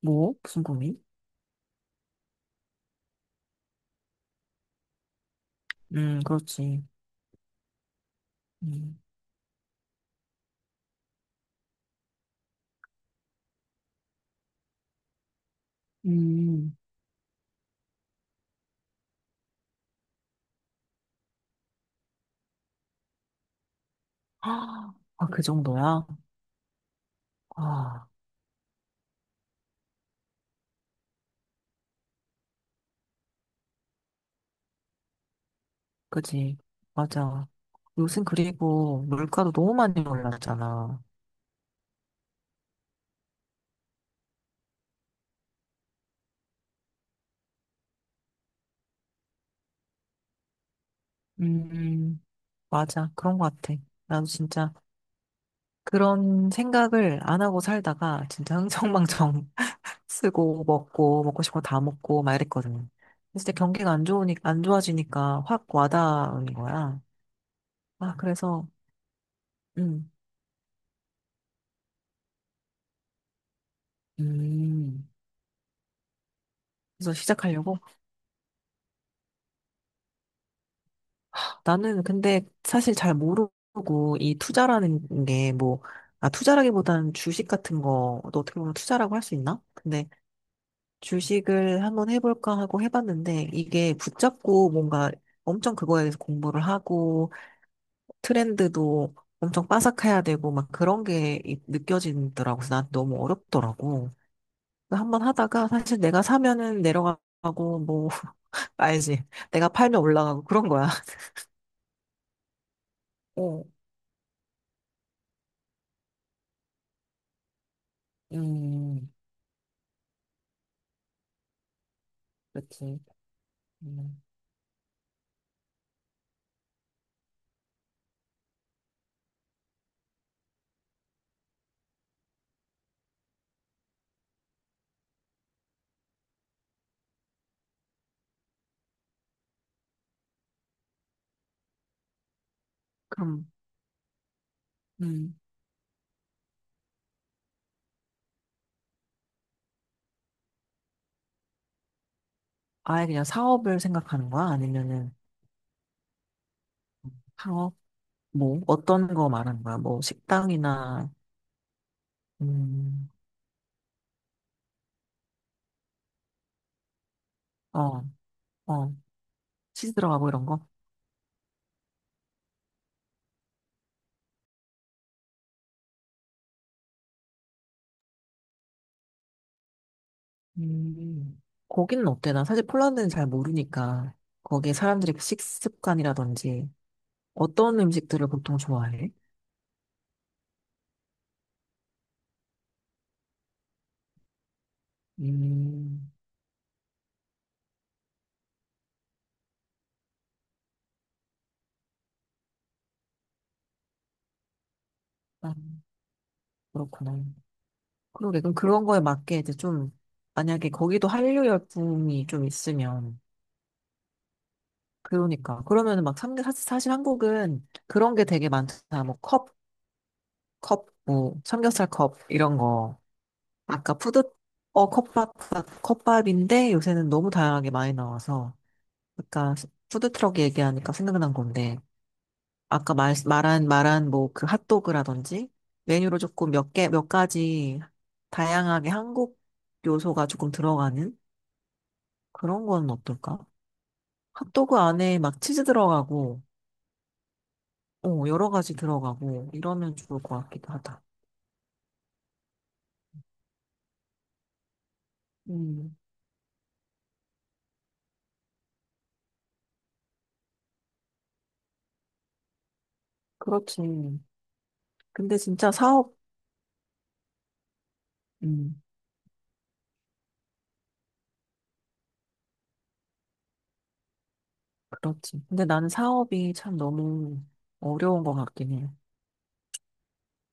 뭐? 무슨 고민? 그렇지. 음. 음. 아, 그 정도야? 아. 그지. 맞아. 요즘 그리고 물가도 너무 많이 올랐잖아. 음, 맞아. 그런 것 같아. 나도 진짜 그런 생각을 안 하고 살다가 진짜 흥청망청 쓰고 먹고 먹고 싶은 거 다 먹고 막 이랬거든. 근데 진짜 경기가 안 좋으니까 안 좋아지니까 확 와닿은 거야. 아, 음, 음. 그래서 시작하려고. 나는 근데 사실 잘 모르고 이 투자라는 게 뭐, 아, 투자라기보다는 주식 같은 거도 어떻게 보면 투자라고 할 수 있나? 근데 주식을 한번 해볼까 하고 해봤는데 이게 붙잡고 뭔가 엄청 그거에 대해서 공부를 하고 트렌드도 엄청 빠삭해야 되고 막 그런 게 느껴지더라고. 그래서 난 너무 어렵더라고. 그래서 한번 하다가 사실 내가 사면은 내려가고 뭐, 알지. 내가 팔면 올라가고 그런 거야. 어. 음, 그렇지. 음. 그럼. 음. 아예 그냥 사업을 생각하는 거야? 아니면은 창업? 뭐, 어떤 거 말하는 거야? 뭐, 식당이나. 음. 어. 어, 치즈 들어가고 이런 거? 음. 거기는 어때? 나 사실 폴란드는 잘 모르니까, 거기에 사람들의 식습관이라든지, 어떤 음식들을 보통 좋아해? 음. 아, 그렇구나. 그러게, 그럼 그런 거에 맞게 이제 좀, 만약에 거기도 한류 열풍이 좀 있으면, 그러니까. 그러면은 막 삼겹, 사실, 사실 한국은 그런 게 되게 많잖아. 뭐 컵, 컵, 뭐 삼겹살 컵, 이런 거. 아까 푸드, 어, 컵밥, 컵밥인데 요새는 너무 다양하게 많이 나와서. 아까 푸드트럭 얘기하니까 생각난 건데. 아까 말한 뭐 그 핫도그라든지 메뉴로 조금 몇 개, 몇 가지 다양하게 한국 요소가 조금 들어가는 그런 건 어떨까? 핫도그 안에 막 치즈 들어가고 어, 여러 가지 들어가고 이러면 좋을 것 같기도 하다. 음, 그렇지. 근데 진짜 사업, 음, 그렇지. 근데 나는 사업이 참 너무 어려운 것 같긴 해.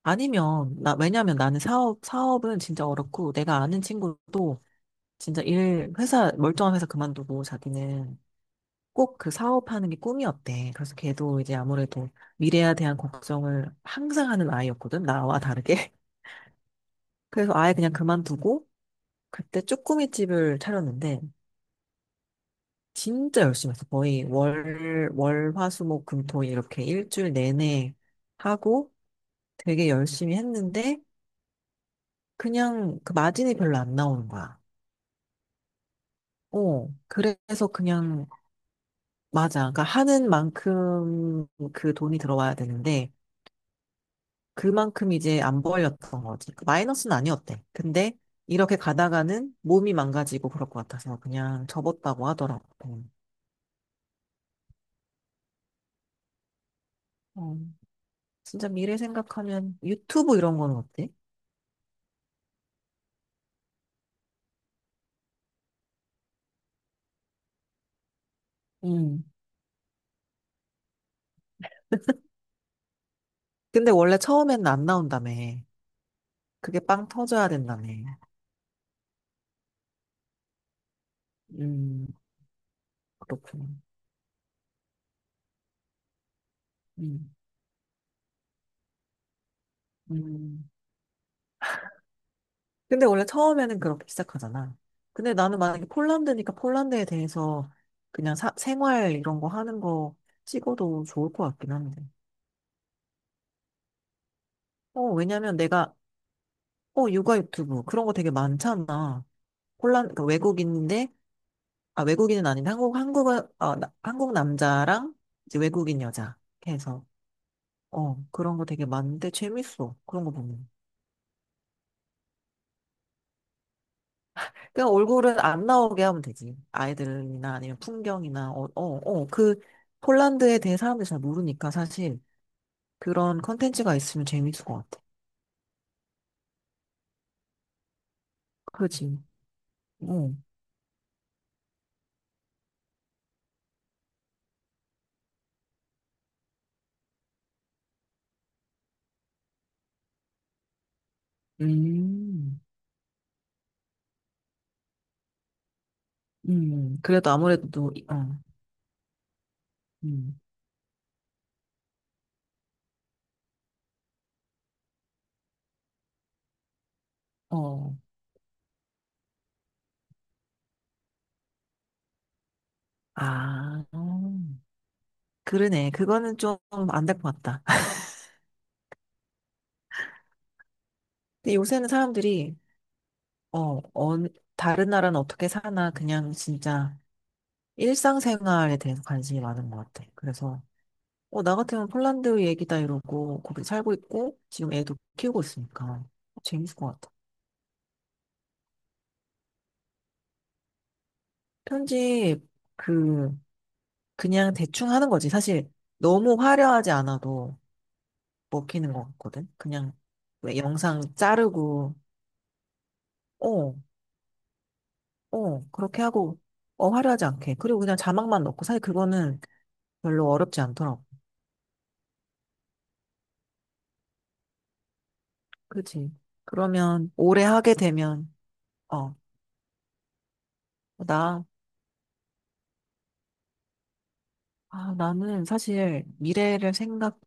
아니면, 나, 왜냐면 나는 사업은 진짜 어렵고 내가 아는 친구도 진짜 일, 회사, 멀쩡한 회사 그만두고 자기는 꼭 그 사업하는 게 꿈이었대. 그래서 걔도 이제 아무래도 미래에 대한 걱정을 항상 하는 아이였거든. 나와 다르게. 그래서 아예 그냥 그만두고 그때 쭈꾸미집을 차렸는데 진짜 열심히 했어. 거의 화, 수, 목, 금, 토 이렇게 일주일 내내 하고 되게 열심히 했는데 그냥 그 마진이 별로 안 나오는 거야. 어, 그래서 그냥 맞아. 그러니까 하는 만큼 그 돈이 들어와야 되는데 그만큼 이제 안 벌렸던 거지. 마이너스는 아니었대. 근데 이렇게 가다가는 몸이 망가지고 그럴 것 같아서 그냥 접었다고 하더라고. 어. 진짜 미래 생각하면 유튜브 이런 거는 어때? 음. 근데 원래 처음에는 안 나온다며. 그게 빵 터져야 된다며. 음, 그렇구나. 음. 음. 근데 원래 처음에는 그렇게 시작하잖아. 근데 나는 만약에 폴란드니까 폴란드에 대해서 그냥 생활 이런 거 하는 거 찍어도 좋을 것 같긴 한데. 어, 왜냐면 내가, 어, 육아 유튜브 그런 거 되게 많잖아. 폴란, 그러니까 외국인인데 아, 외국인은 아닌데 한국 어, 한국 남자랑 이제 외국인 여자 이렇게 해서 어 그런 거 되게 많은데 재밌어 그런 거 보면. 그냥 얼굴은 안 나오게 하면 되지. 아이들이나 아니면 풍경이나 어어어그 폴란드에 대해 사람들이 잘 모르니까 사실 그런 컨텐츠가 있으면 재밌을 것 같아. 그렇지. 어. 음. 음. 그래도 아무래도, 또 음. 어. 아. 음. 그러네. 그거는 좀 안 될 것 같다. 근데 요새는 사람들이 어, 어, 다른 나라는 어떻게 사나, 그냥 진짜 일상생활에 대해서 관심이 많은 것 같아. 그래서, 어, 나 같으면 폴란드 얘기다 이러고, 거기 살고 있고, 지금 애도 키우고 있으니까. 재밌을 것 같아. 편집, 그, 그냥 대충 하는 거지. 사실, 너무 화려하지 않아도 먹히는 것 같거든. 그냥, 왜 영상 자르고, 어, 어, 그렇게 하고, 어, 화려하지 않게. 그리고 그냥 자막만 넣고, 사실 그거는 별로 어렵지 않더라고. 그지. 그러면 오래 하게 되면, 어, 나, 아, 나는 사실 미래를 생각은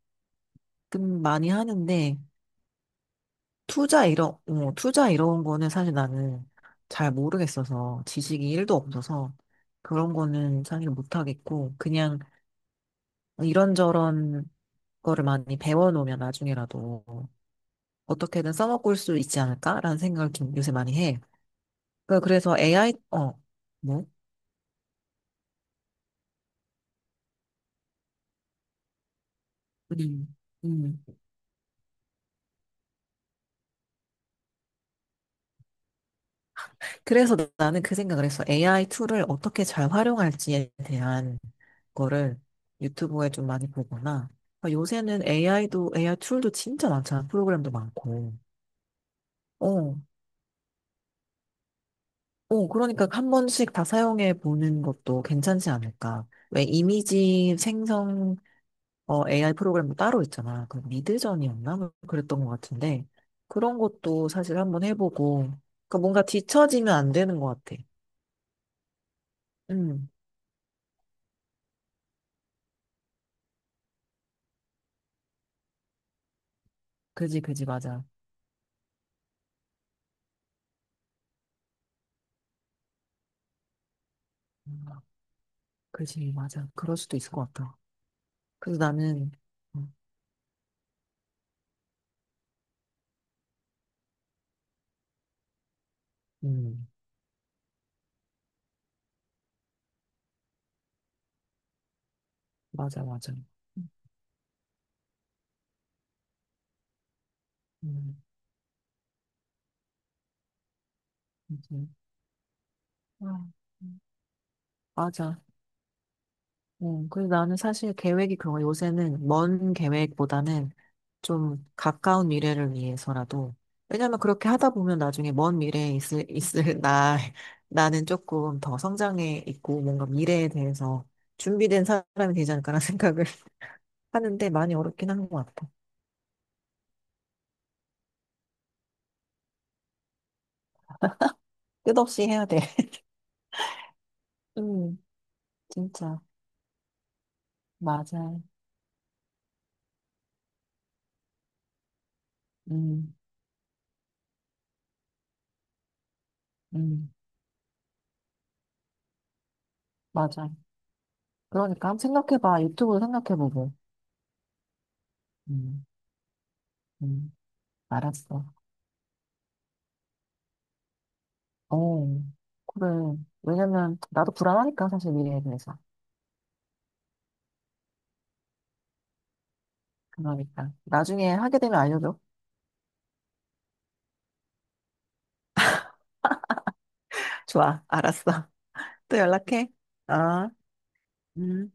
많이 하는데, 투자 이런 거는 사실 나는 잘 모르겠어서, 지식이 1도 없어서, 그런 거는 사실 못하겠고, 그냥 이런저런 거를 많이 배워놓으면 나중에라도 어떻게든 써먹을 수 있지 않을까라는 생각을 좀 요새 많이 해. 그래서 AI, 어, 뭐? 음. 음. 그래서 나는 그 생각을 했어. AI 툴을 어떻게 잘 활용할지에 대한 거를 유튜브에 좀 많이 보거나. 그러니까 요새는 AI도, AI 툴도 진짜 많잖아. 프로그램도 많고. 어. 어, 그러니까 한 번씩 다 사용해 보는 것도 괜찮지 않을까. 왜 이미지 생성 어, AI 프로그램도 따로 있잖아. 그 미드전이었나? 뭐 그랬던 것 같은데. 그런 것도 사실 한번 해보고. 그러니까 뭔가 뒤처지면 안 되는 것 같아. 음. 그지, 그지, 맞아. 그지, 맞아. 그럴 수도 있을 것 같아. 그래서 나는, 음, 음, 맞아, 맞아. 음. 그지. 아. 음. 맞아. 그래서 나는 사실 계획이 그런 거, 요새는 먼 계획보다는 좀 가까운 미래를 위해서라도, 왜냐면 그렇게 하다 보면 나중에 먼 미래에 있을 나, 나는 조금 더 성장해 있고, 뭔가 미래에 대해서 준비된 사람이 되지 않을까라는 생각을 하는데 많이 어렵긴 한 것 같아. 끝없이 해야 돼. 음. 진짜. 맞아요. 음. 음, 맞아. 그러니까 한번 생각해봐. 유튜브로 생각해보고. 음. 음, 알았어. 어, 그래. 왜냐면 나도 불안하니까 사실 미래에 대해서. 그러니까 나중에 하게 되면 알려줘. 좋아, 알았어. 또 연락해. 어. 음.